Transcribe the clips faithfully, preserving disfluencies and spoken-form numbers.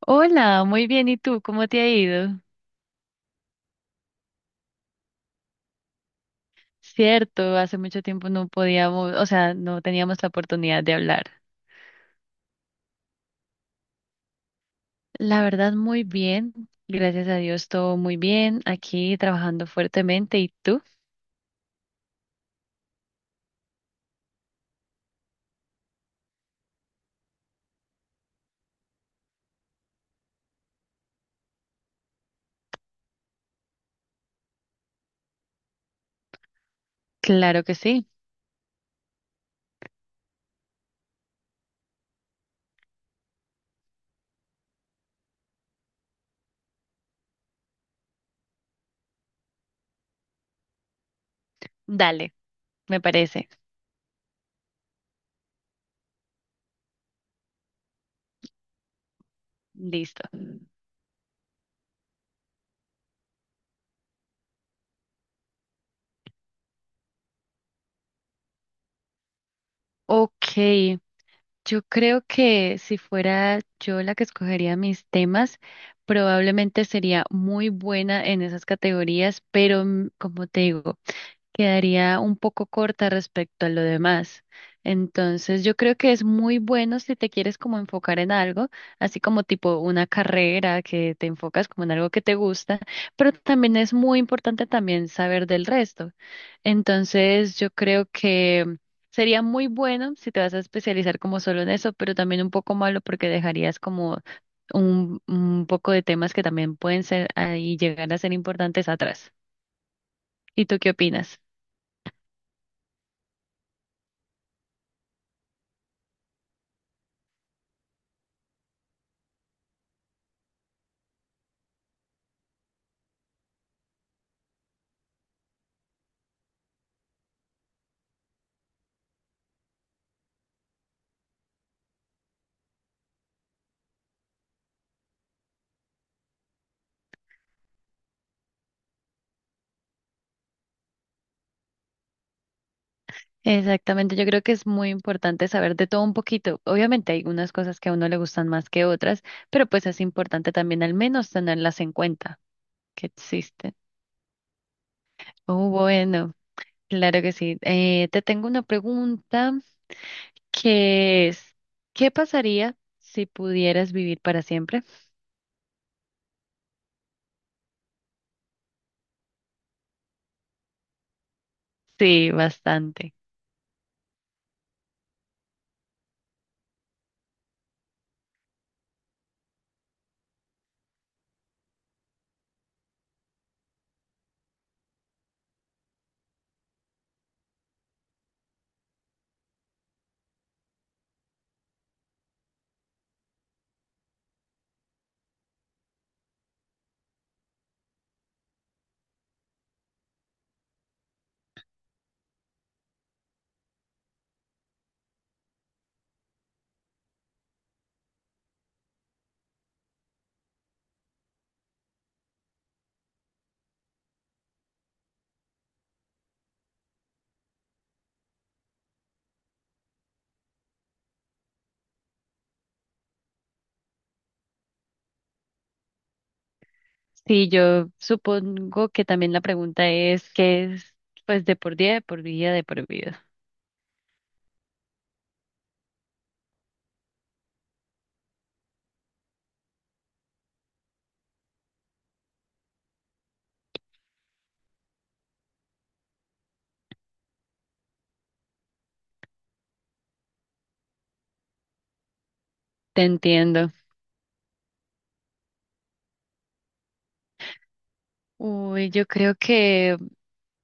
Hola, muy bien. ¿Y tú? ¿Cómo te ha ido? Cierto, hace mucho tiempo no podíamos, o sea, no teníamos la oportunidad de hablar. La verdad, muy bien. Gracias a Dios, todo muy bien. Aquí trabajando fuertemente. ¿Y tú? Claro que sí. Dale, me parece. Listo. Ok, yo creo que si fuera yo la que escogería mis temas, probablemente sería muy buena en esas categorías, pero mm, como te digo, quedaría un poco corta respecto a lo demás. Entonces, yo creo que es muy bueno si te quieres como enfocar en algo, así como tipo una carrera que te enfocas como en algo que te gusta, pero también es muy importante también saber del resto. Entonces, yo creo que sería muy bueno si te vas a especializar como solo en eso, pero también un poco malo porque dejarías como un, un poco de temas que también pueden ser ah, y llegar a ser importantes atrás. ¿Y tú qué opinas? Exactamente, yo creo que es muy importante saber de todo un poquito. Obviamente hay unas cosas que a uno le gustan más que otras, pero pues es importante también al menos tenerlas en cuenta que existen. Oh, bueno, claro que sí. Eh, te tengo una pregunta que es, ¿qué pasaría si pudieras vivir para siempre? Sí, bastante. Sí, yo supongo que también la pregunta es, ¿qué es pues de por día, de por vida, de por vida? Te entiendo. Uy, yo creo que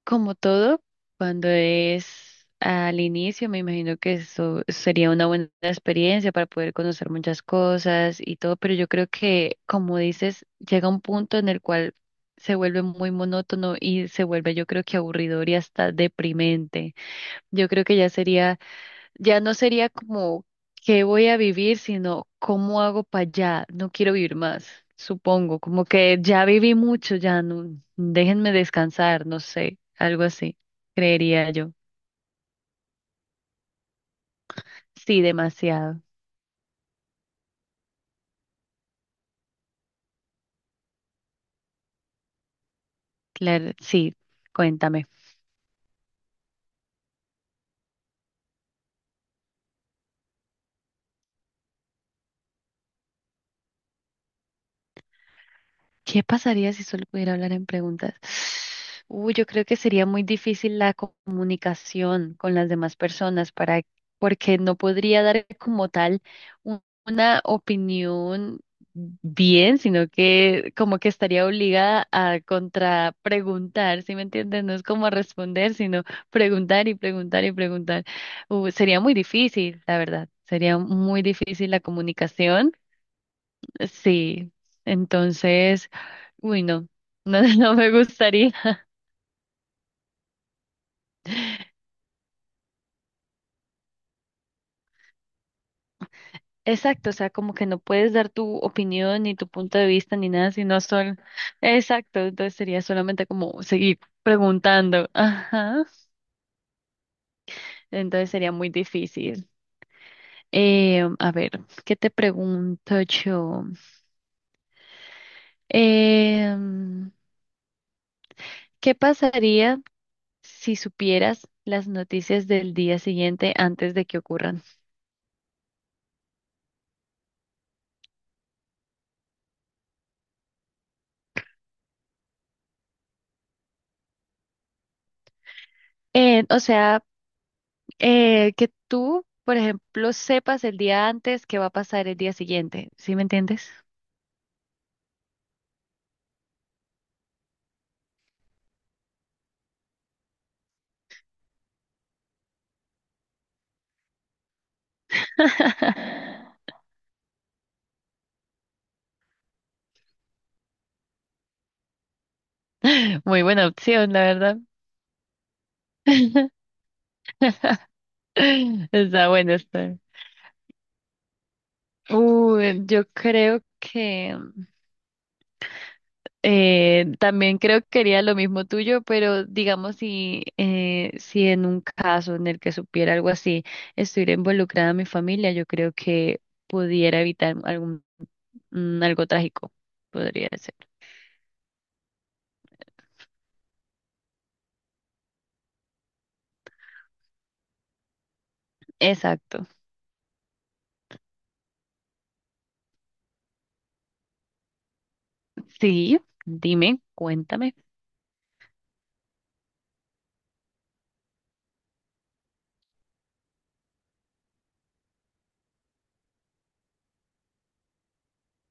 como todo, cuando es al inicio, me imagino que eso sería una buena experiencia para poder conocer muchas cosas y todo, pero yo creo que, como dices, llega un punto en el cual se vuelve muy monótono y se vuelve, yo creo que aburridor y hasta deprimente. Yo creo que ya sería, ya no sería como qué voy a vivir, sino cómo hago para allá. No quiero vivir más, supongo. Como que ya viví mucho, ya no, déjenme descansar, no sé, algo así, creería yo. Sí, demasiado. Claro, sí, cuéntame. ¿Qué pasaría si solo pudiera hablar en preguntas? Uy, yo creo que sería muy difícil la comunicación con las demás personas, para, porque no podría dar como tal un- una opinión bien, sino que como que estaría obligada a contrapreguntar, ¿sí me entiendes? No es como responder, sino preguntar y preguntar y preguntar. Uh, sería muy difícil, la verdad. Sería muy difícil la comunicación. Sí, entonces, uy, no, no, no me gustaría. Exacto, o sea, como que no puedes dar tu opinión ni tu punto de vista ni nada, sino solo... Exacto, entonces sería solamente como seguir preguntando. Ajá, entonces sería muy difícil. Eh, a ver, ¿qué te pregunto yo? Em, ¿Qué pasaría si supieras las noticias del día siguiente antes de que ocurran? Eh, o sea... eh, que tú, por ejemplo, sepas el día antes qué va a pasar el día siguiente. ¿Sí me entiendes? Muy buena opción, la verdad. Está bueno, está. Uy, yo creo que eh, también creo que quería lo mismo tuyo, pero digamos si, eh, si en un caso en el que supiera algo así, estuviera involucrada mi familia, yo creo que pudiera evitar algún, mm, algo trágico, podría ser. Exacto. Sí, dime, cuéntame.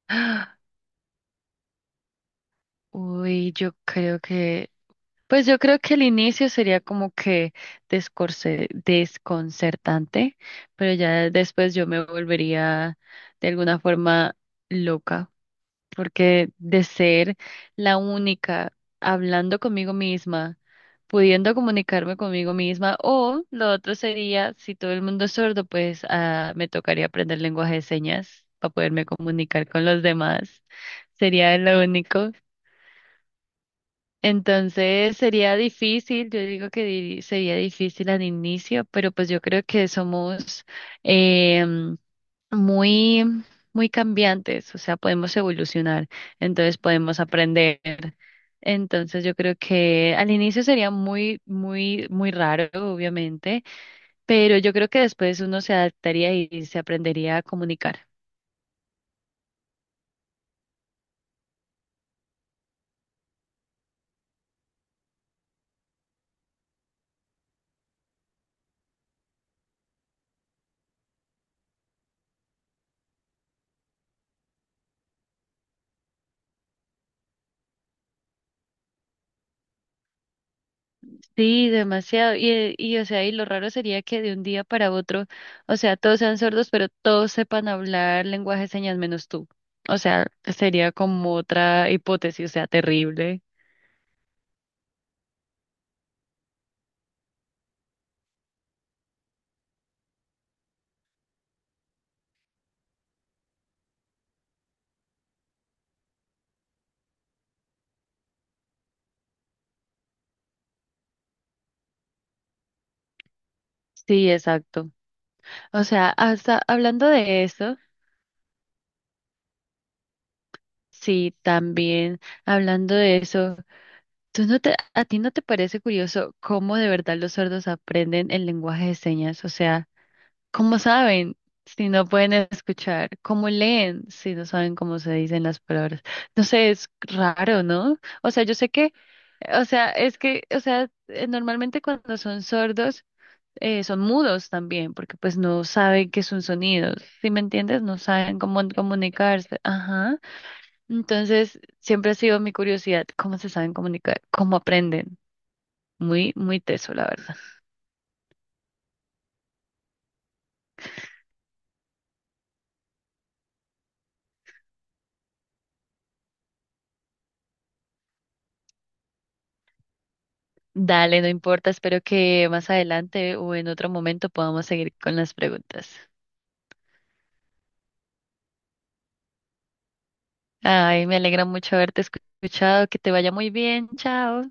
¡Ah! Uy, yo creo que, pues yo creo que el inicio sería como que descorce- desconcertante, pero ya después yo me volvería de alguna forma loca, porque de ser la única hablando conmigo misma, pudiendo comunicarme conmigo misma, o lo otro sería, si todo el mundo es sordo, pues ah, me tocaría aprender lenguaje de señas para poderme comunicar con los demás. Sería lo único. Entonces sería difícil, yo digo que di- sería difícil al inicio, pero pues yo creo que somos em, muy, muy cambiantes, o sea, podemos evolucionar, entonces podemos aprender. Entonces yo creo que al inicio sería muy, muy, muy raro, obviamente, pero yo creo que después uno se adaptaría y se aprendería a comunicar. Sí, demasiado. Y, eh, y, o sea, y lo raro sería que de un día para otro, o sea, todos sean sordos, pero todos sepan hablar lenguaje de señas menos tú. O sea, sería como otra hipótesis, o sea, terrible. Sí, exacto. O sea, hasta hablando de eso, sí, también hablando de eso, ¿tú no te, a ti no te parece curioso cómo de verdad los sordos aprenden el lenguaje de señas? O sea, ¿cómo saben si no pueden escuchar? ¿Cómo leen si no saben cómo se dicen las palabras? No sé, es raro, ¿no? O sea, yo sé que, o sea, es que, o sea, eh, normalmente cuando son sordos, eh, son mudos también, porque pues no saben qué es un sonido, ¿sí me entiendes? No saben cómo comunicarse. Ajá. Entonces, siempre ha sido mi curiosidad, ¿cómo se saben comunicar? ¿Cómo aprenden? Muy, muy teso, la verdad. Dale, no importa, espero que más adelante o en otro momento podamos seguir con las preguntas. Ay, me alegra mucho haberte escu- escuchado, que te vaya muy bien, chao.